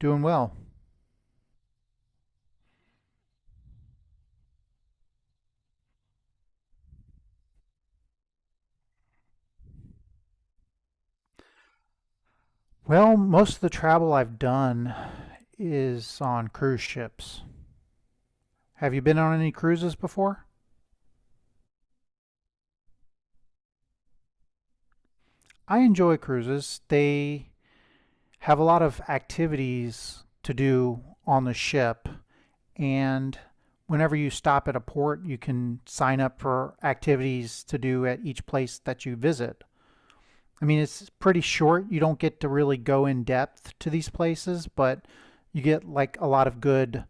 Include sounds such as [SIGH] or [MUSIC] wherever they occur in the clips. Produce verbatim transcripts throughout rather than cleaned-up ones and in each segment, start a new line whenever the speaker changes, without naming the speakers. Doing well. Well, most of the travel I've done is on cruise ships. Have you been on any cruises before? I enjoy cruises. They have a lot of activities to do on the ship, and whenever you stop at a port, you can sign up for activities to do at each place that you visit. I mean, it's pretty short. You don't get to really go in depth to these places, but you get like a lot of good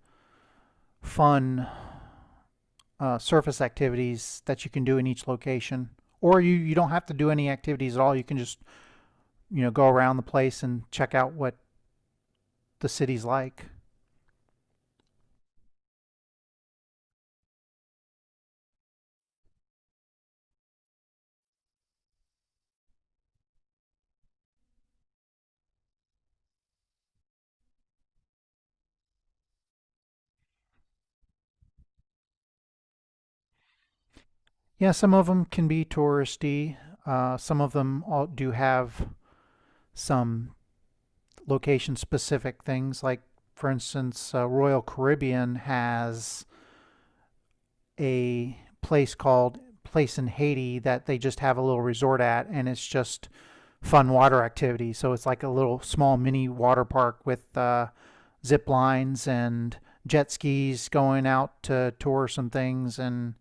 fun uh, surface activities that you can do in each location. Or you, you don't have to do any activities at all. You can just, you know, go around the place and check out what the city's like. Yeah, some of them can be touristy. Uh, some of them all do have some location specific things. Like, for instance, uh, Royal Caribbean has a place called Place in Haiti that they just have a little resort at, and it's just fun water activity. So it's like a little small mini water park with uh, zip lines and jet skis going out to tour some things, and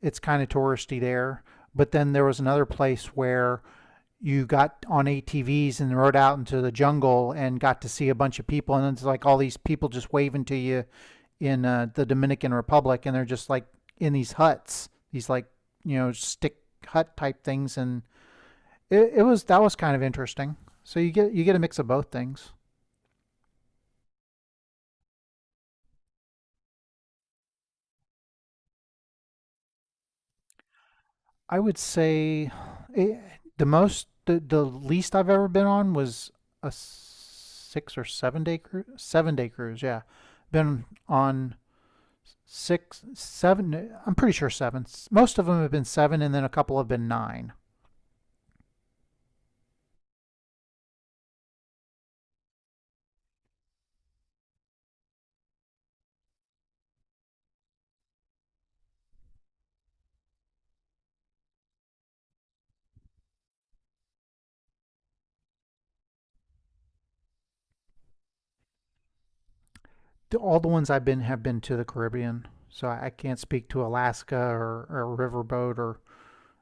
it's kind of touristy there. But then there was another place where you got on A T Vs and rode out into the jungle and got to see a bunch of people, and it's like all these people just waving to you in uh, the Dominican Republic, and they're just like in these huts, these like you know stick hut type things, and it, it was that was kind of interesting. So you get you get a mix of both things. I would say it, the most the, the least I've ever been on was a six or seven day cruise. Seven day cruise, yeah. Been on six, seven. I'm pretty sure seven. Most of them have been seven, and then a couple have been nine. All the ones I've been have been to the Caribbean, so I I can't speak to Alaska or, or riverboat or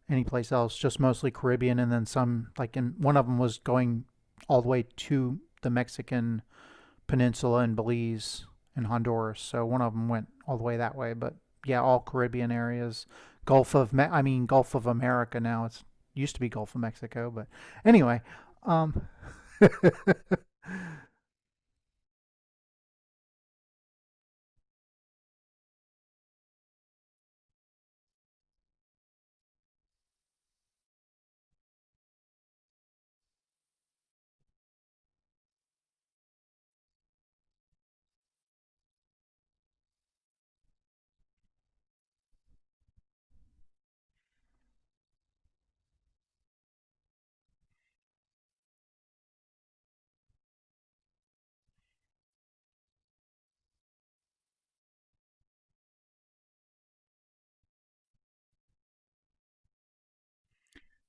anyplace else, just mostly Caribbean, and then some like in one of them was going all the way to the Mexican peninsula in Belize and Honduras. So one of them went all the way that way, but yeah, all Caribbean areas, Gulf of Me- I mean Gulf of America now. It's used to be Gulf of Mexico, but anyway, um, [LAUGHS]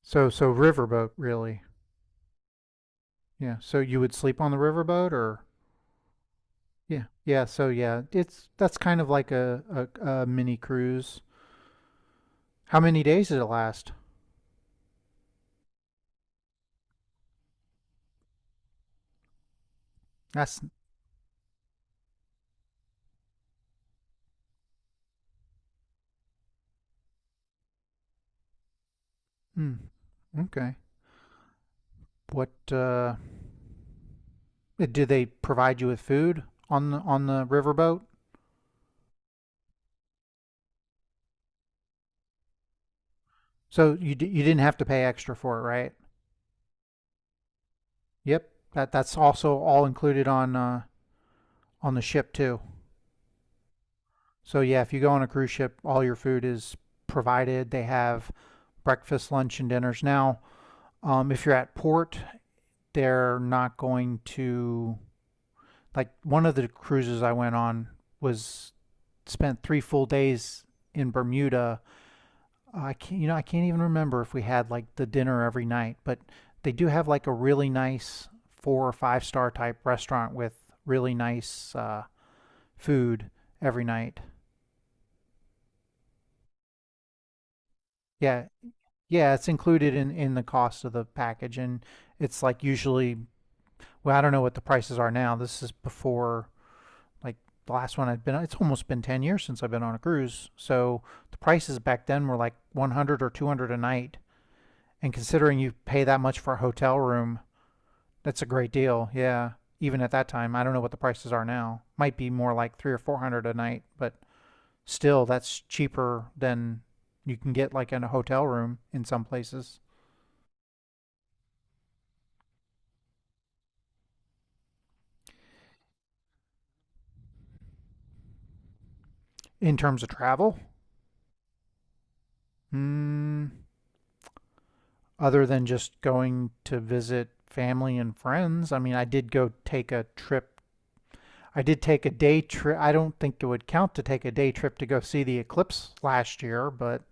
so so riverboat really, yeah. So you would sleep on the riverboat or yeah, yeah. So yeah, it's that's kind of like a, a, a mini cruise. How many days did it last? That's mm, okay. What uh, do they provide you with food on the on the riverboat? So you d- you didn't have to pay extra for it, right? Yep. That that's also all included on uh, on the ship too. So yeah, if you go on a cruise ship, all your food is provided. They have breakfast, lunch, and dinners. Now, um, if you're at port, they're not going to like one of the cruises I went on was spent three full days in Bermuda I can't, you know, I can't even remember if we had like the dinner every night, but they do have like a really nice four or five star type restaurant with really nice uh, food every night. Yeah, yeah, it's included in in the cost of the package, and it's like usually, well, I don't know what the prices are now. This is before like the last one I've been. On- It's almost been ten years since I've been on a cruise, so the prices back then were like one hundred or two hundred a night, and considering you pay that much for a hotel room. That's a great deal. Yeah. Even at that time, I don't know what the prices are now. Might be more like three or four hundred a night, but still, that's cheaper than you can get like in a hotel room in some places. In terms of travel, mm, other than just going to visit family and friends, I mean, I did go take a trip. I did take a day trip. I don't think it would count to take a day trip to go see the eclipse last year, but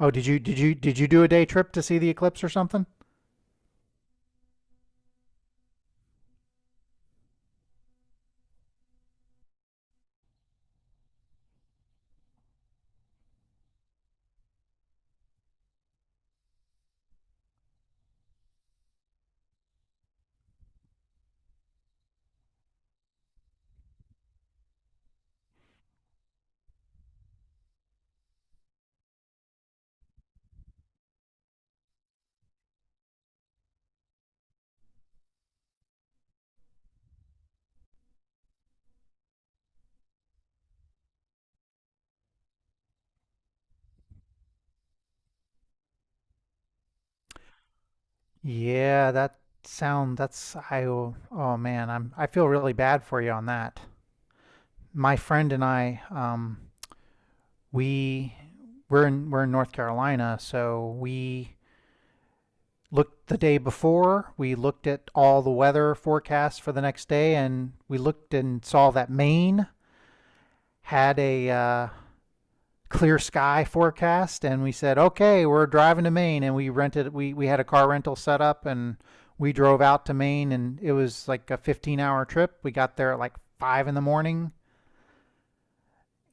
oh, did you did you did you do a day trip to see the eclipse or something? Yeah, that sound that's I oh, oh man, I'm I feel really bad for you on that. My friend and I um we we're in we're in North Carolina, so we looked the day before, we looked at all the weather forecasts for the next day and we looked and saw that Maine had a uh clear sky forecast, and we said, okay, we're driving to Maine, and we rented we we had a car rental set up, and we drove out to Maine, and it was like a fifteen hour trip. We got there at like five in the morning,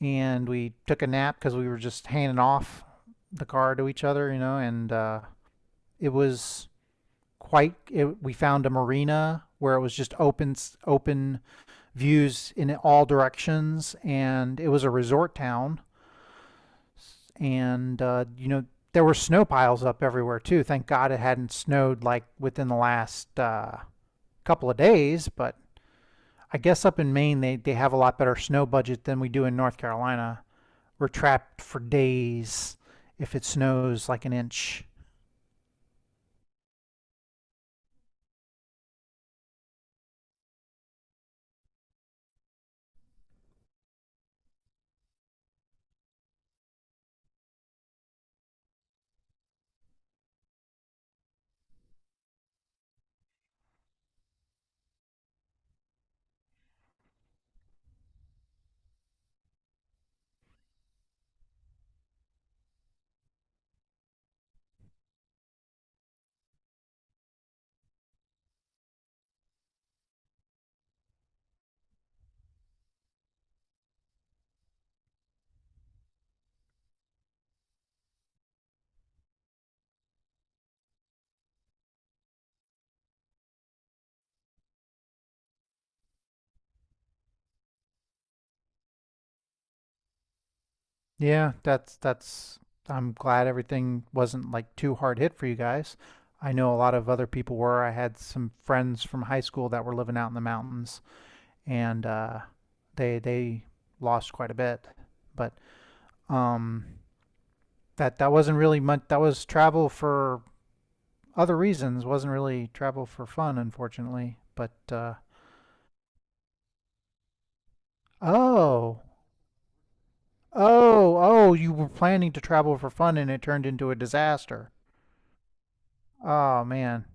and we took a nap because we were just handing off the car to each other, you know, and uh, it was quite. It, we found a marina where it was just open open views in all directions, and it was a resort town and uh, you know there were snow piles up everywhere too. Thank God it hadn't snowed like within the last uh, couple of days, but I guess up in Maine they, they have a lot better snow budget than we do in North Carolina. We're trapped for days if it snows like an inch. Yeah, that's that's I'm glad everything wasn't like too hard hit for you guys. I know a lot of other people were. I had some friends from high school that were living out in the mountains and uh, they they lost quite a bit. But um, that that wasn't really much. That was travel for other reasons. Wasn't really travel for fun, unfortunately. But uh, oh, oh, oh, you were planning to travel for fun, and it turned into a disaster. Oh man.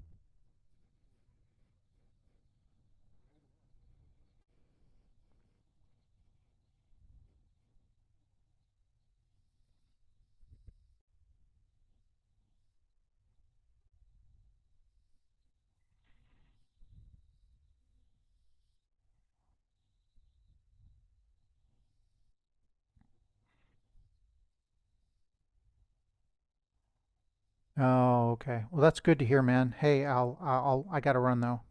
Oh, okay. Well, that's good to hear, man. Hey, I'll I'll I gotta run though.